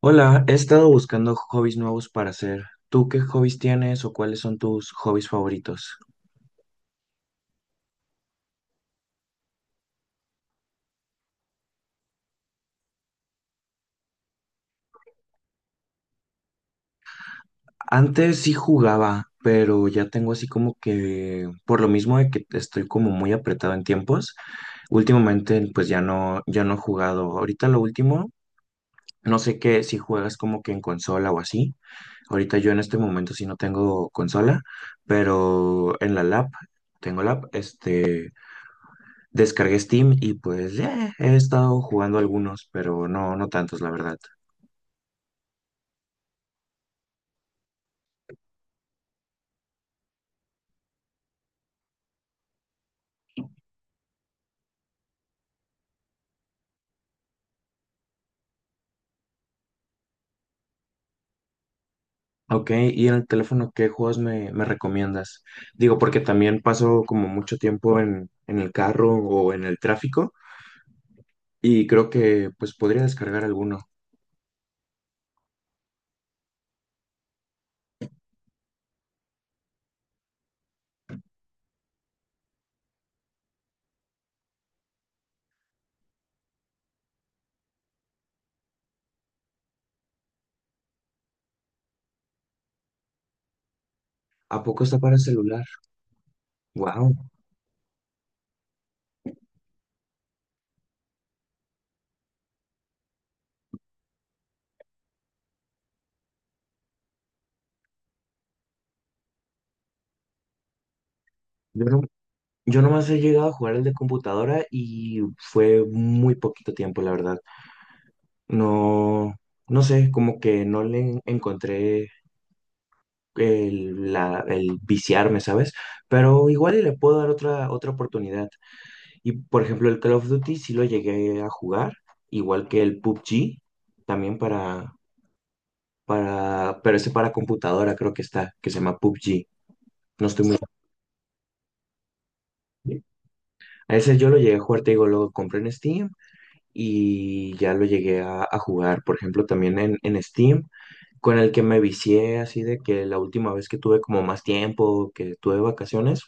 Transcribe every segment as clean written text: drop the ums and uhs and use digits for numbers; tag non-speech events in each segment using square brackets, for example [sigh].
Hola, he estado buscando hobbies nuevos para hacer. ¿Tú qué hobbies tienes o cuáles son tus hobbies favoritos? Antes sí jugaba, pero ya tengo así como que, por lo mismo de que estoy como muy apretado en tiempos, últimamente pues ya no, ya no he jugado. Ahorita lo último, no sé qué, si juegas como que en consola o así. Ahorita yo en este momento sí no tengo consola, pero en la lab, tengo lab, descargué Steam y pues ya he estado jugando algunos, pero no, no tantos, la verdad. Ok, y en el teléfono, ¿qué juegos me recomiendas? Digo, porque también paso como mucho tiempo en el carro o en el tráfico y creo que pues podría descargar alguno. ¿A poco está para celular? Wow, yo no, yo nomás he llegado a jugar el de computadora y fue muy poquito tiempo, la verdad. No, no sé, como que no le encontré el, el viciarme, ¿sabes? Pero igual y le puedo dar otra, otra oportunidad. Y por ejemplo, el Call of Duty sí lo llegué a jugar, igual que el PUBG, también pero ese para computadora creo que está, que se llama PUBG. No estoy muy... A ese yo lo llegué a jugar, te digo, lo compré en Steam y ya lo llegué a jugar, por ejemplo, también en Steam, con el que me vicié así de que la última vez que tuve como más tiempo, que tuve vacaciones.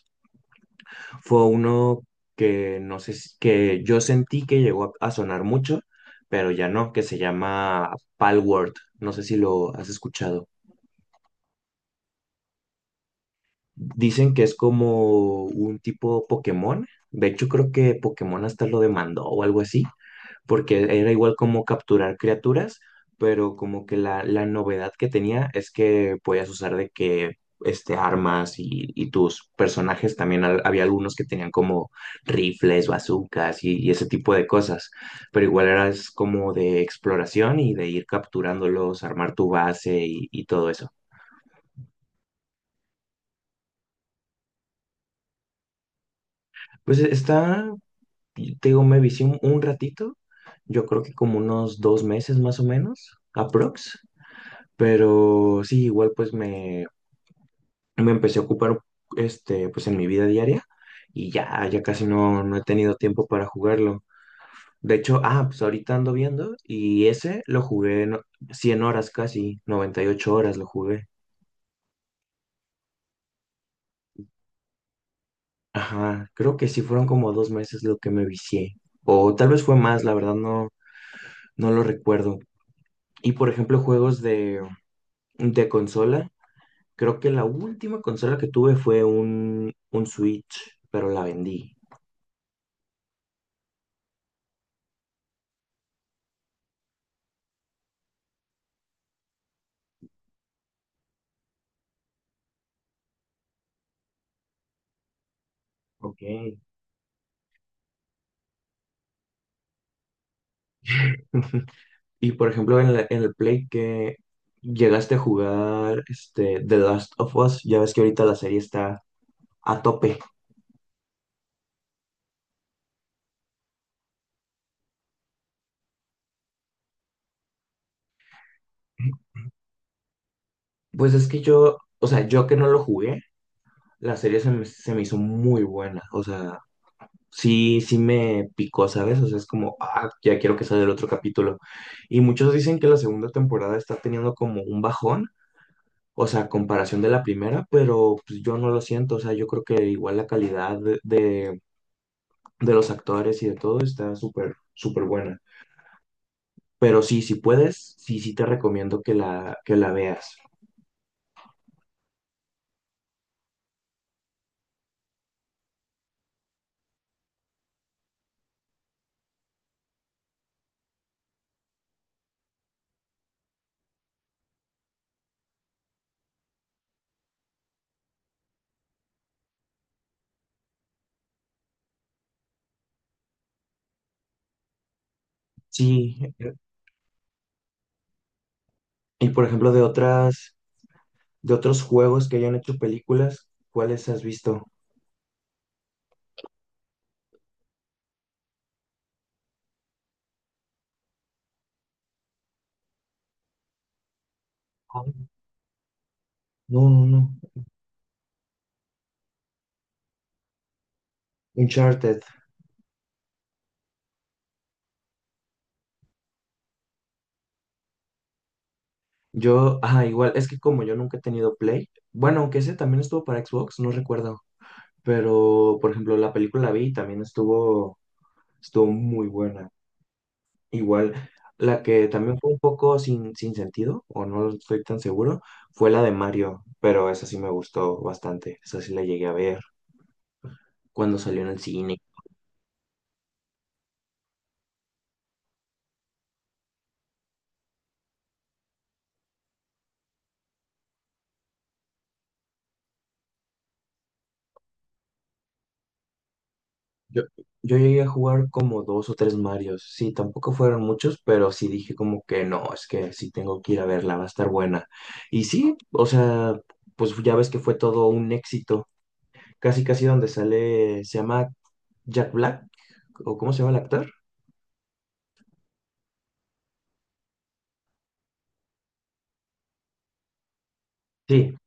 Fue uno que no sé, que yo sentí que llegó a sonar mucho, pero ya no, que se llama Palworld. No sé si lo has escuchado. Dicen que es como un tipo Pokémon. De hecho, creo que Pokémon hasta lo demandó o algo así, porque era igual como capturar criaturas, pero como que la novedad que tenía es que podías usar de que este, armas y tus personajes también había algunos que tenían como rifles, bazucas y ese tipo de cosas, pero igual eras como de exploración y de ir capturándolos, armar tu base y todo eso. Pues e, está, te digo, me vicié un ratito. Yo creo que como unos 2 meses más o menos, aprox. Pero sí, igual pues me empecé a ocupar este, pues en mi vida diaria y ya, ya casi no, no he tenido tiempo para jugarlo. De hecho, ah, pues ahorita ando viendo y ese lo jugué en 100 horas casi, 98 horas lo jugué. Ajá, creo que sí fueron como 2 meses lo que me vicié. O tal vez fue más, la verdad no, no lo recuerdo. Y por ejemplo, juegos de consola. Creo que la última consola que tuve fue un Switch, pero la vendí. Ok. [laughs] Y por ejemplo, en en el Play que llegaste a jugar este, The Last of Us, ya ves que ahorita la serie está a tope. Pues es que yo, o sea, yo que no lo jugué, la serie se se me hizo muy buena. O sea, sí, sí me picó, ¿sabes? O sea, es como, ah, ya quiero que salga el otro capítulo. Y muchos dicen que la segunda temporada está teniendo como un bajón, o sea, a comparación de la primera, pero pues yo no lo siento. O sea, yo creo que igual la calidad de, de los actores y de todo está súper, súper buena. Pero sí, si puedes, sí, sí te recomiendo que la veas. Sí, y por ejemplo, de otras, de otros juegos que hayan hecho películas, ¿cuáles has visto? Oh, no, no, no. Uncharted. Yo, ah, igual, es que como yo nunca he tenido Play, bueno, aunque ese también estuvo para Xbox, no recuerdo. Pero, por ejemplo, la película la vi y también estuvo, estuvo muy buena. Igual, la que también fue un poco sin, sin sentido, o no estoy tan seguro, fue la de Mario, pero esa sí me gustó bastante, esa sí la llegué a ver cuando salió en el cine. Yo, yo llegué a jugar como dos o tres Marios, sí, tampoco fueron muchos, pero sí dije como que no, es que sí tengo que ir a verla, va a estar buena. Y sí, o sea, pues ya ves que fue todo un éxito, casi casi donde sale, se llama Jack Black, o cómo se llama el actor. Sí,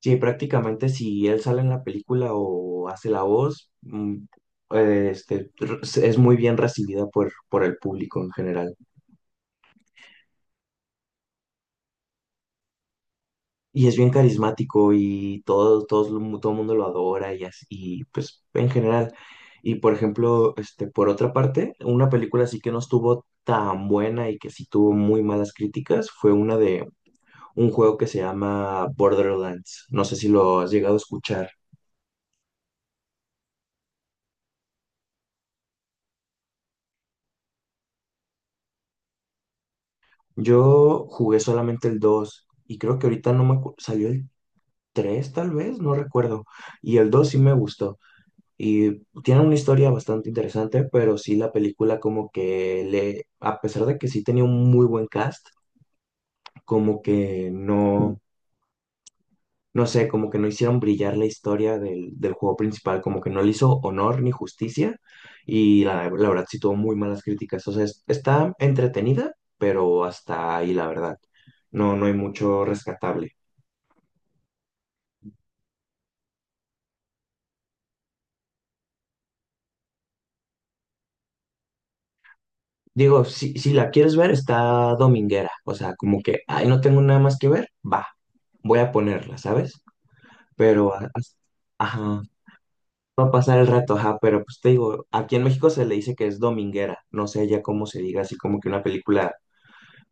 sí, prácticamente si él sale en la película o hace la voz, es muy bien recibida por el público en general. Y es bien carismático y todo, todo el mundo lo adora y así, y, pues en general. Y por ejemplo, este, por otra parte, una película así que no estuvo tan buena y que sí tuvo muy malas críticas fue una de un juego que se llama Borderlands. No sé si lo has llegado a escuchar. Yo jugué solamente el 2 y creo que ahorita no me salió el 3 tal vez, no recuerdo. Y el 2 sí me gustó y tiene una historia bastante interesante, pero sí la película como que le, a pesar de que sí tenía un muy buen cast, como que no, no sé, como que no hicieron brillar la historia del, del juego principal, como que no le hizo honor ni justicia y la verdad sí tuvo muy malas críticas. O sea, está entretenida, pero hasta ahí la verdad. No, no hay mucho rescatable. Digo, si la quieres ver, está dominguera. O sea, como que, ay, no tengo nada más que ver, va, voy a ponerla, ¿sabes? Pero, ajá, va a pasar el rato, ajá, pero pues te digo, aquí en México se le dice que es dominguera. No sé ya cómo se diga, así como que una película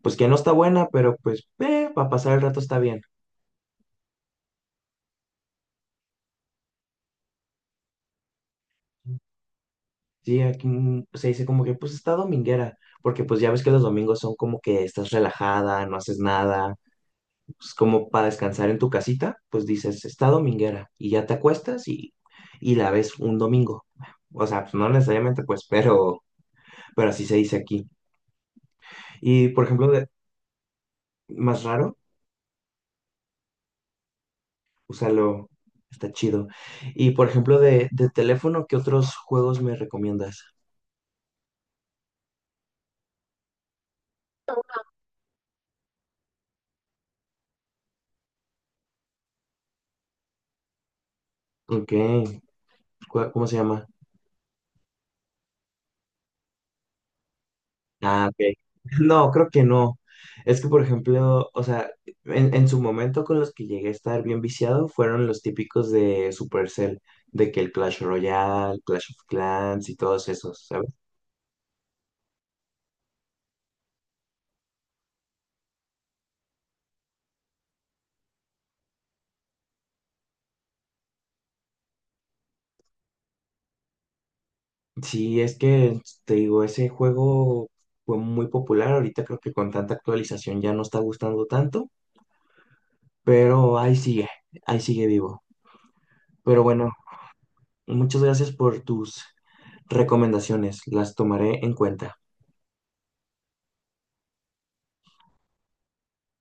pues que no está buena, pero pues para pasar el rato está bien. Sí, aquí mm, se dice como que pues está dominguera, porque pues ya ves que los domingos son como que estás relajada, no haces nada, pues como para descansar en tu casita, pues dices, está dominguera y ya te acuestas y la ves un domingo. O sea, pues no necesariamente pues, pero así se dice aquí. Y por ejemplo, de, más raro, úsalo, está chido. Y por ejemplo, de teléfono, ¿qué otros juegos me recomiendas? Ok. ¿Cuál- ¿Cómo se llama? Ah, ok. [laughs] No, creo que no. Es que, por ejemplo, o sea, en su momento con los que llegué a estar bien viciado fueron los típicos de Supercell, de que el Clash Royale, Clash of Clans y todos esos, ¿sabes? Sí, es que te digo, ese juego fue muy popular. Ahorita creo que con tanta actualización ya no está gustando tanto, pero ahí sigue vivo. Pero bueno, muchas gracias por tus recomendaciones, las tomaré en cuenta.